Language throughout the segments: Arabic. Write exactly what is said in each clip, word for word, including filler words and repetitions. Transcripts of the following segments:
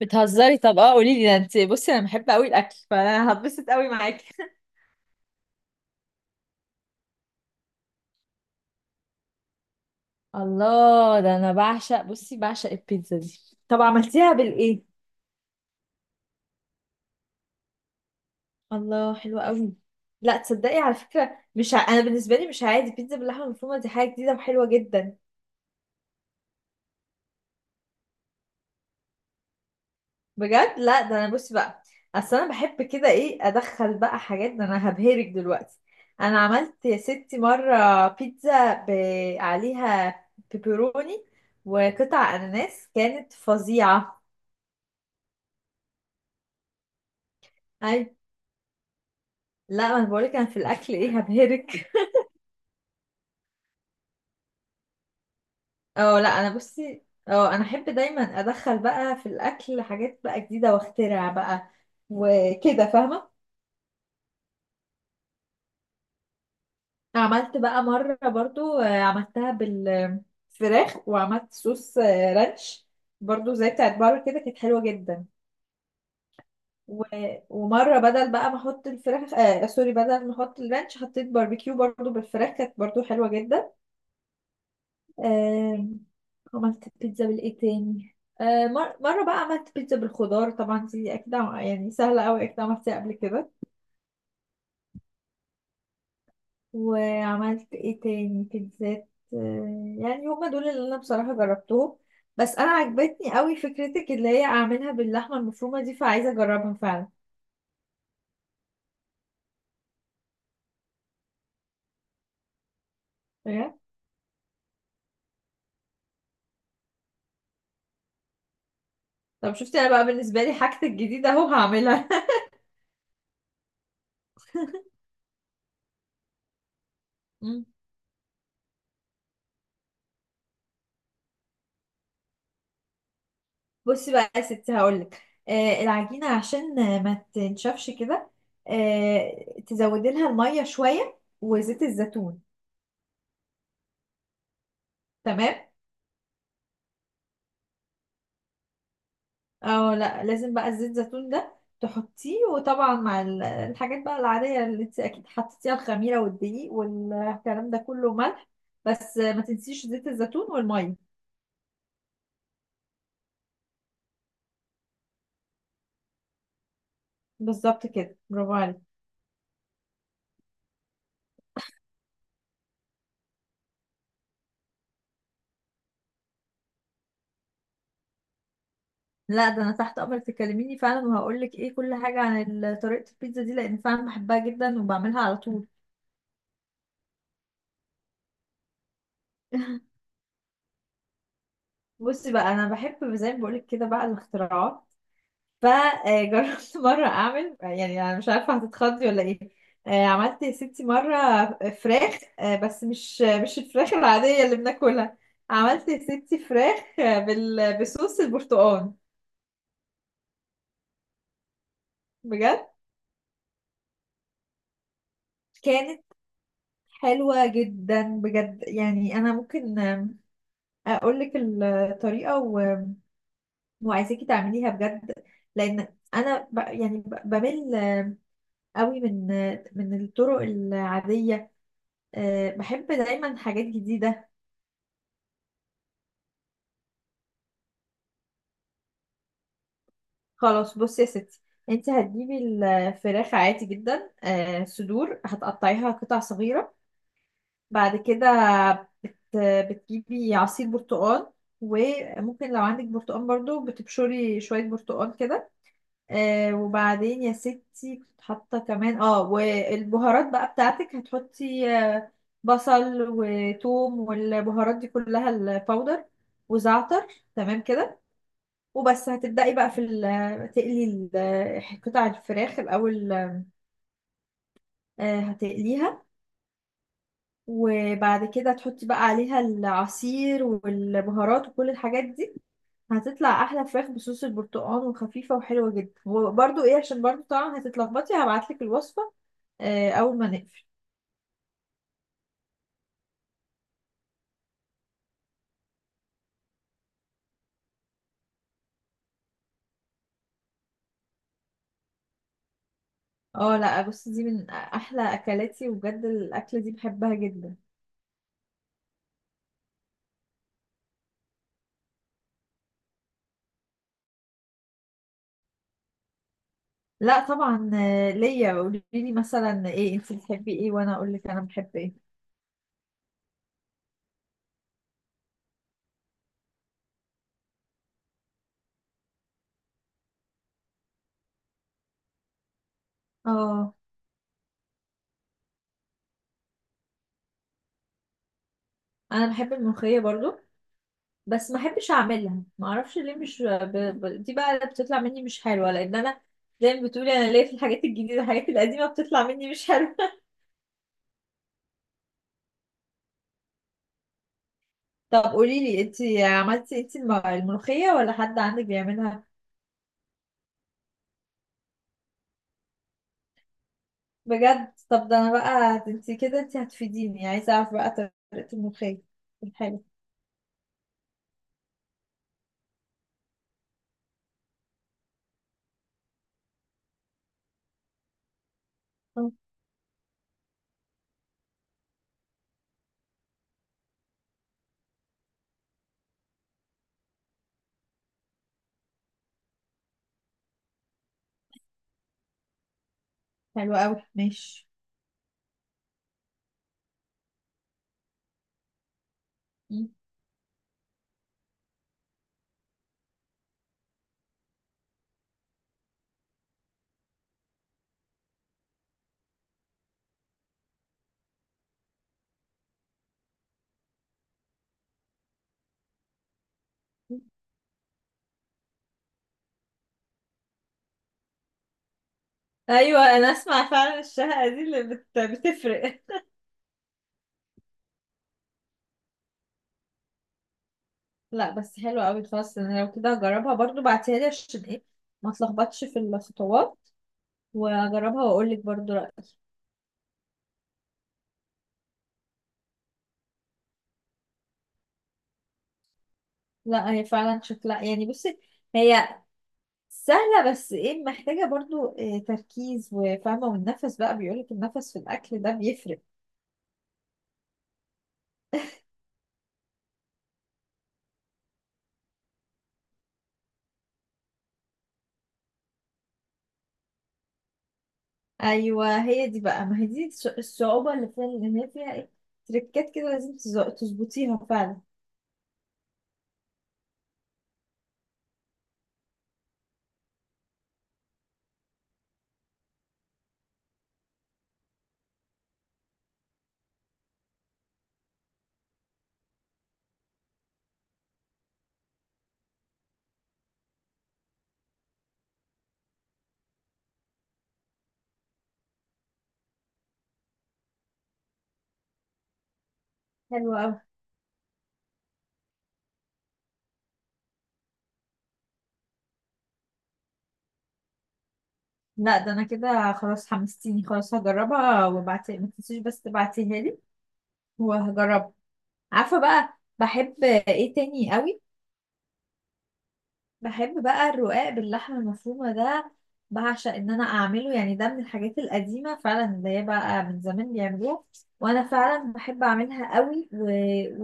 بتهزري؟ طب اه قولي لي ده. انت بصي انا بحب قوي الاكل، فانا هتبسط قوي معاكي. الله، ده انا بعشق، بصي بعشق البيتزا دي. طب عملتيها بالايه؟ الله حلوة قوي. لا تصدقي على فكره، مش ع... انا بالنسبه لي مش عادي، بيتزا باللحمه المفرومه دي حاجه جديده وحلوه جدا. بجد، لا ده انا بصي بقى، اصل انا بحب كده ايه، ادخل بقى حاجات، ده انا هبهرك دلوقتي. انا عملت يا ستي مره بيتزا ب... عليها بيبروني وقطع اناناس، كانت فظيعه. اي، لا ما انا بقولك، انا في الاكل ايه هبهرك. اه لا انا بصي، اه انا احب دايما ادخل بقى في الاكل حاجات بقى جديده واخترع بقى وكده، فاهمه. عملت بقى مره برضو آه، عملتها بالفراخ وعملت صوص آه، رانش، برضو زي بتاعت بره كده، كانت حلوه جدا. و... ومره بدل بقى ما احط الفراخ، آه سوري، بدل ما احط الرانش حطيت باربيكيو برضو بالفراخ، كانت برضو حلوه جدا. آم، عملت بيتزا بالايه تاني، آه، مر- مرة بقى عملت بيتزا بالخضار، طبعا دي أكيد عم- يعني سهلة أوي، أكيد عملتها قبل كده. وعملت ايه تاني بيتزات، آه، يعني هما دول اللي أنا بصراحة جربتهم. بس أنا عجبتني أوي فكرتك اللي هي أعملها باللحمة المفرومة دي، فعايزة أجربها فعلا. إيه؟ طب شفتي أنا بقى، بالنسبة لي حاجتي الجديدة أهو هعملها مم. بصي بقى يا ستي هقولك، آه العجينة عشان آه، ما تنشفش كده، آه تزودي لها المية شوية وزيت الزيتون. تمام. او لا، لازم بقى الزيت الزيتون ده تحطيه، وطبعا مع ال- الحاجات بقى العادية اللي انت اكيد حطيتيها، الخميرة والدقيق والكلام ده كله، ملح. بس آه، ما تنسيش زيت الزيتون والمية. بالظبط كده، برافو عليك. لا ده انا تحت امرك، تكلميني فعلا وهقولك ايه كل حاجة عن ال- طريقة البيتزا دي، لان فعلا بحبها جدا وبعملها على طول. بصي بقى، انا بحب زي ما بقولك كده بقى الاختراعات، فجربت مره اعمل يعني، انا مش عارفه هتتخضي ولا ايه. آه، عملت يا ستي مره فراخ، آه، بس مش مش الفراخ العاديه اللي بناكلها. عملت يا ستي فراخ، آه، بال- بصوص البرتقال. بجد، كانت حلوه جدا بجد، يعني انا ممكن اقول لك الطريقه و- وعايزاكي تعمليها بجد، لان انا ب- يعني ب- بمل قوي من من الطرق العادية. آه، بحب دايما حاجات جديدة. خلاص بصي يا ستي، انت هتجيبي الفراخ عادي جدا، آه، صدور هتقطعيها قطع صغيرة. بعد كده بت- بتجيبي عصير برتقال، وممكن لو عندك برتقال برضو بتبشري شوية برتقال كده. آه وبعدين يا ستي كنت حاطة كمان اه، والبهارات بقى بتاعتك هتحطي آه، بصل وثوم والبهارات دي كلها الباودر وزعتر. تمام كده، وبس هتبدأي بقى في ال- تقلي ال- آه، قطع الفراخ الأول، آه هتقليها، وبعد كده تحطي بقى عليها العصير والبهارات وكل الحاجات دي. هتطلع احلى فراخ بصوص البرتقال، وخفيفه وحلوه جدا. وبرده ايه، عشان برده طبعا هتتلخبطي هبعتلك الوصفه، آه، اول ما نقفل. اه لا، بص دي من احلى اكلاتي، وبجد الاكله دي بحبها جدا. لا طبعا، آه، ليا. قولي لي مثلا ايه، انت بتحبي ايه وانا اقول لك انا بحب ايه. اه انا بحب الملوخيه برضو، بس ما احبش اعملها، ما اعرفش ليه. مش ب... ب... دي بقى اللي بتطلع مني مش حلوه، لان انا زي ما بتقولي، انا ليا في الحاجات الجديده، الحاجات القديمه بتطلع مني مش حلوه. طب قولي لي، انت عملتي انت الم- الملوخية، ولا حد عندك بيعملها؟ بجد؟ طب ده انا بقى انت كده، انت هتفيديني، عايزة اعرف بقى طريقة الملوخية. حلو. اه، حلو قوي، ماشي. مم. ايوه انا اسمع فعلا الشهقة دي اللي بت... بتفرق. لا بس حلو قوي. خلاص انا لو كده هجربها برضو، بعتيها لي عشان ايه ما اتلخبطش في الخطوات، واجربها واقول لك برضو رأيي. لا هي فعلا شكلها يعني، بصي هي سهلة، بس ايه، محتاجة برضو إيه، تركيز وفاهمة والنفس بقى، بيقولك النفس في الأكل ده بيفرق. أيوة هي دي بقى، ما هي دي الص- الصعوبة اللي فيها، لأن هي فيها ايه، تريكات كده لازم تز- تظبطيها فعلا. حلوة أوي. لا ده أنا كده خلاص حمستيني، خلاص هجربها، وابعتي ما تنسيش بس تبعتيها لي وهجربها. عارفة بقى بحب ايه تاني أوي؟ بحب بقى الرقاق باللحمة المفرومة ده، بعشق ان انا اعمله، يعني ده من الحاجات القديمة فعلا، اللي هي بقى من زمان بيعملوها، وانا فعلا بحب اعملها قوي، و...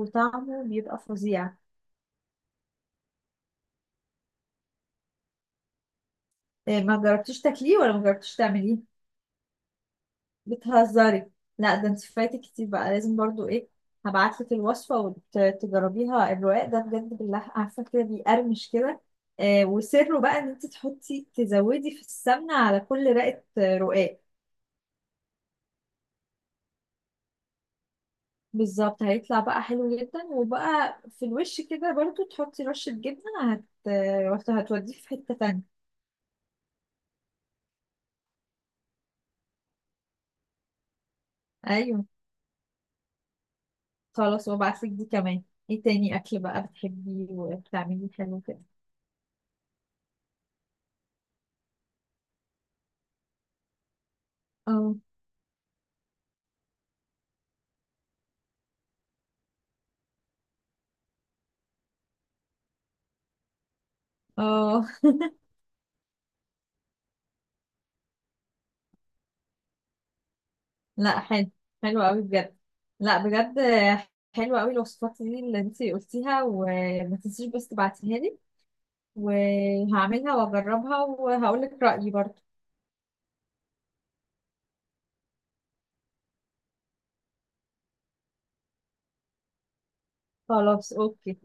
وطعمه بيبقى فظيع. إيه، ما جربتيش تاكليه ولا ما جربتيش تعمليه؟ بتهزري؟ لا ده انت فايتك كتير، بقى لازم برضو ايه، هبعتلك الوصفة وتجربيها. الرقاق ده بجد باللحمة، عارفة كده بيقرمش كده، آه، وسره بقى ان انت تحطي تزودي في السمنة على كل رقة، آه، رقاق. بالظبط، هيطلع بقى حلو جدا، وبقى في الوش كده برضو تحطي رشة جبنة، هت هت- هتوديه في حتة تانية. ايوه. خلاص وابعتلك دي كمان. ايه تاني اكل بقى بتحبيه وبتعمليه حلو كده؟ اه. اه. لا حلو، حلو قوي بجد. لا بجد حلو قوي الوصفات دي اللي انت قلتيها، وما تنسيش بس تبعتيها لي، وهعملها واجربها وهقولك رأيي برضو. خلاص اوكي.